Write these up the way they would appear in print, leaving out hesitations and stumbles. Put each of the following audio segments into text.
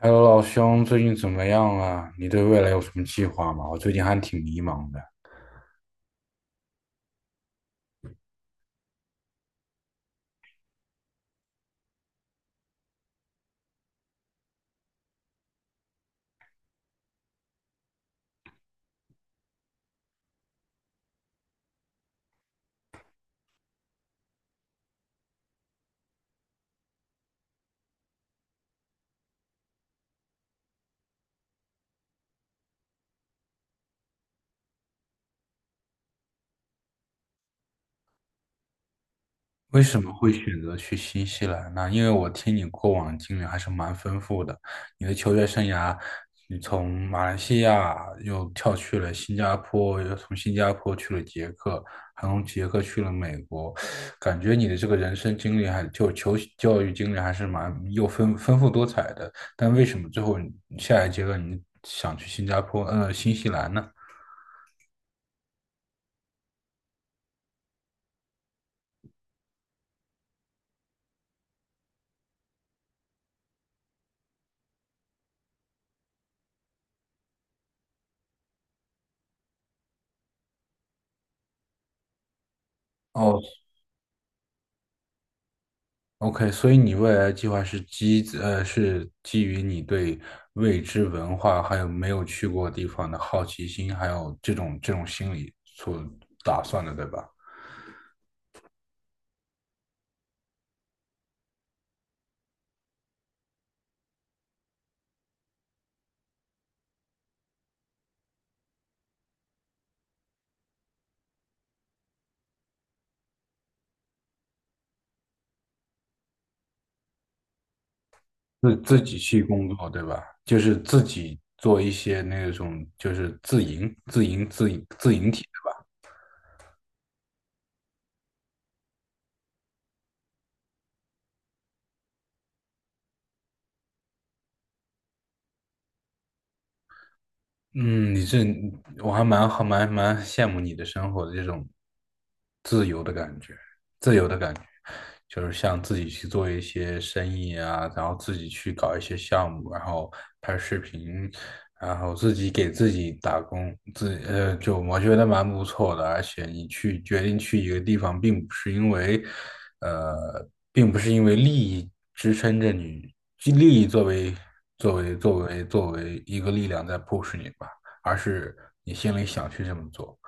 h e 老兄，最近怎么样啊？你对未来有什么计划吗？我最近还挺迷茫的。为什么会选择去新西兰呢？因为我听你过往经历还是蛮丰富的。你的球员生涯，你从马来西亚又跳去了新加坡，又从新加坡去了捷克，还从捷克去了美国，感觉你的这个人生经历还就球教育经历还是蛮又丰富多彩的。但为什么最后你下一阶段你想去新加坡，新西兰呢？哦。OK，所以你未来的计划是基呃是基于你对未知文化还有没有去过地方的好奇心，还有这种心理所打算的，对吧？自己去工作，对吧？就是自己做一些那种就是自营体嗯，你这我还蛮好蛮蛮羡慕你的生活的这种自由的感觉，自由的感觉，就是像自己去做一些生意啊，然后自己去搞一些项目，然后拍视频，然后自己给自己打工，就我觉得蛮不错的。而且你去决定去一个地方，并不是因为利益支撑着你，利益作为一个力量在 push 你吧，而是你心里想去这么做，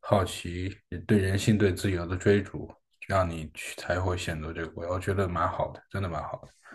好奇对人性对自由的追逐，让你去才会选择这个国家我觉得蛮好的，真的蛮好的。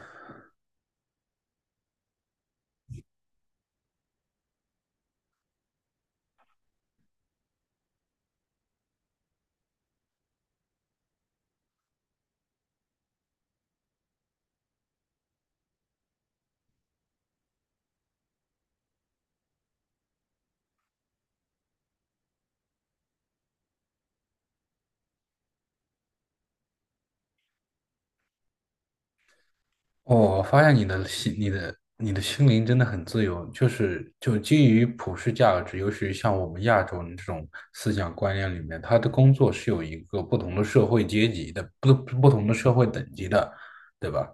哦，我发现你的心灵真的很自由，就是就基于普世价值，尤其是像我们亚洲人这种思想观念里面，他的工作是有一个不同的社会阶级的，不同的社会等级的，对吧？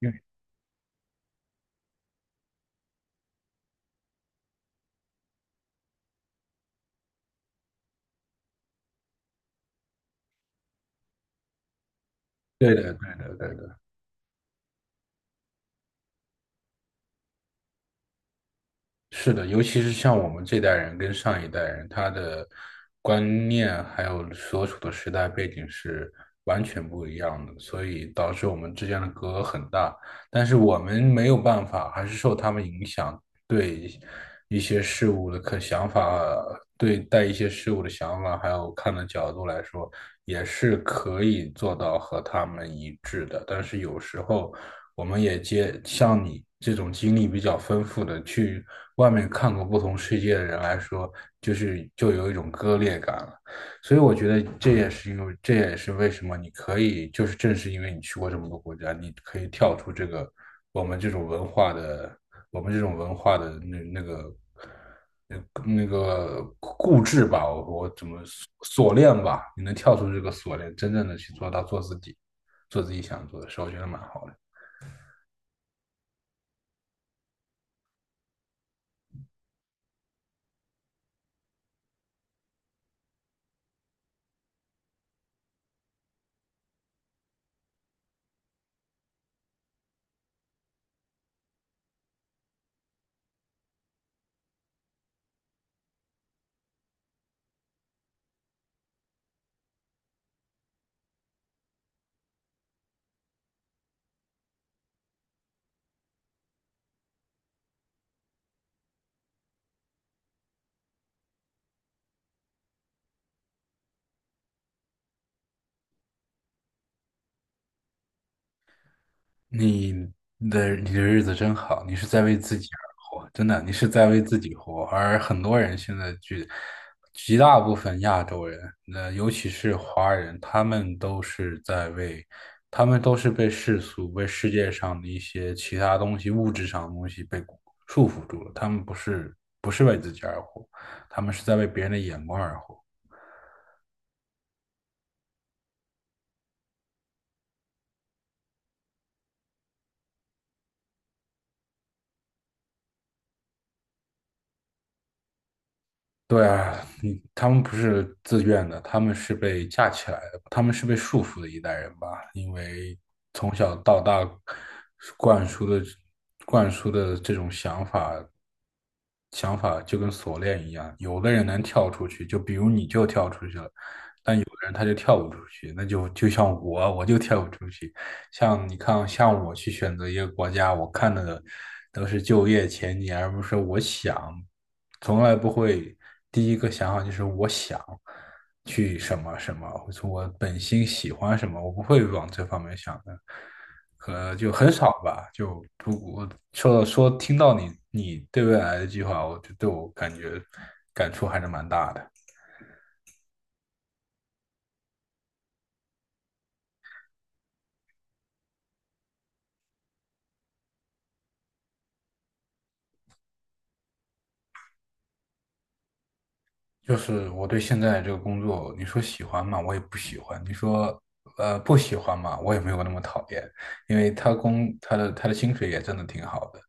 对对的，对的，对的。是的，尤其是像我们这代人跟上一代人，他的观念还有所处的时代背景是完全不一样的，所以导致我们之间的隔阂很大。但是我们没有办法，还是受他们影响，对一些事物的可想法，对待一些事物的想法，还有看的角度来说，也是可以做到和他们一致的。但是有时候。我们也接像你这种经历比较丰富的，去外面看过不同世界的人来说，就是就有一种割裂感了。所以我觉得这也是为什么你可以，就是正是因为你去过这么多国家，你可以跳出这个我们这种文化的，我们这种文化的那个固执吧，我我怎么锁链吧？你能跳出这个锁链，真正的去做到做自己，做自己想做的事，我觉得蛮好的。你你的日子真好，你是在为自己而活，真的，你是在为自己活。而很多人现在极大部分亚洲人，那尤其是华人，他们都是被世俗、被世界上的一些其他东西、物质上的东西被束缚住了。他们不是为自己而活，他们是在为别人的眼光而活。对啊，你他们不是自愿的，他们是被架起来的，他们是被束缚的一代人吧？因为从小到大灌输的灌输的这种想法，想法就跟锁链一样，有的人能跳出去，就比如你就跳出去了，但有的人他就跳不出去，那就像我，我就跳不出去。像你看，像我去选择一个国家，我看的都是就业前景，而不是我想，从来不会第一个想法就是我想去什么什么，或者我本心喜欢什么，我不会往这方面想的，可就很少吧。听到你对未来的计划，我就对我感触还是蛮大的。就是我对现在这个工作，你说喜欢嘛，我也不喜欢；你说不喜欢嘛，我也没有那么讨厌，因为他的薪水也真的挺好的。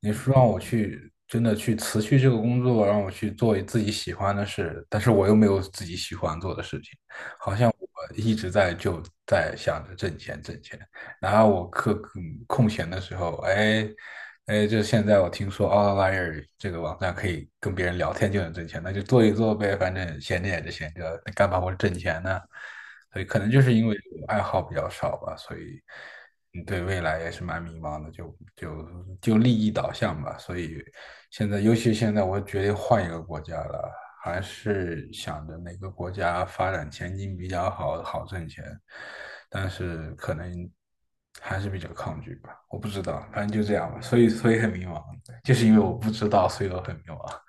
你说让我去真的去辞去这个工作，让我去做自己喜欢的事，但是我又没有自己喜欢做的事情，好像我一直在想着挣钱挣钱。然后我空闲的时候，哎哎，就现在我听说 Outlier 这个网站可以跟别人聊天就能挣钱，那就做一做呗，反正闲着也是闲着，那干嘛不挣钱呢？所以可能就是因为我爱好比较少吧，所以对未来也是蛮迷茫的，就利益导向吧。所以现在，尤其现在我决定换一个国家了，还是想着哪个国家发展前景比较好，好挣钱，但是可能还是比较抗拒吧，我不知道，反正就这样吧，所以很迷茫，就是因为我不知道，所以我很迷茫。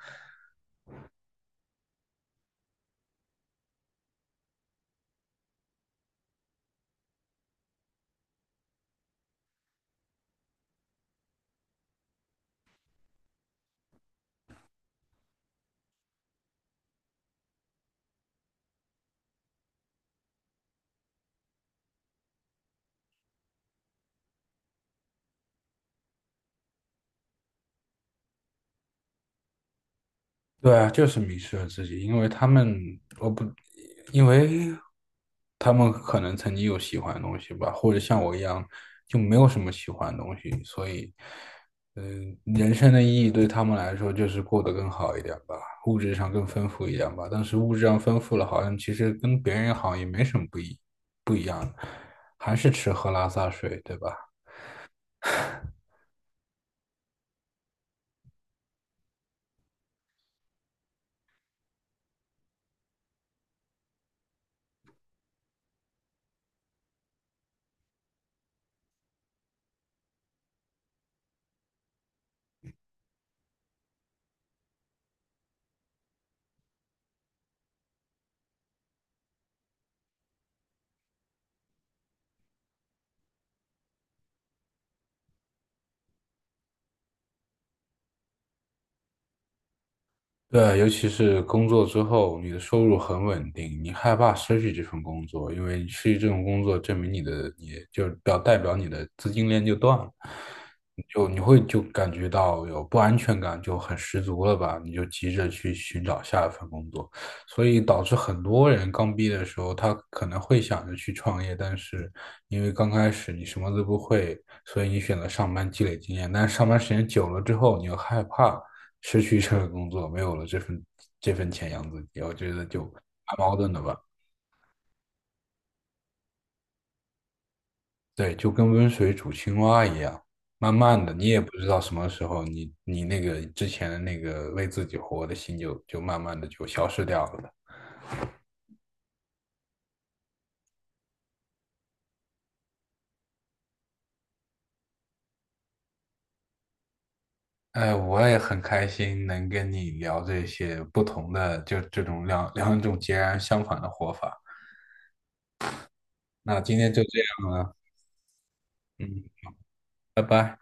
对啊，就是迷失了自己，因为他们，我不，因为他们可能曾经有喜欢的东西吧，或者像我一样就没有什么喜欢的东西，所以，人生的意义对他们来说就是过得更好一点吧，物质上更丰富一点吧。但是物质上丰富了，好像其实跟别人好像也没什么不一，还是吃喝拉撒睡，对吧？对，尤其是工作之后，你的收入很稳定，你害怕失去这份工作，因为失去这种工作，证明你就代表你的资金链就断了，你会就感觉到有不安全感，就很十足了吧？你就急着去寻找下一份工作，所以导致很多人刚毕业的时候，他可能会想着去创业，但是因为刚开始你什么都不会，所以你选择上班积累经验，但是上班时间久了之后，你又害怕。失去这个工作，没有了这份钱养自己，我觉得就蛮矛盾的吧。对，就跟温水煮青蛙一样，慢慢的，你也不知道什么时候你，你那个之前的那个为自己活的心就慢慢的就消失掉了。哎，我也很开心能跟你聊这些不同的，就这种两种截然相反的活法。那今天就这样了，嗯，拜拜。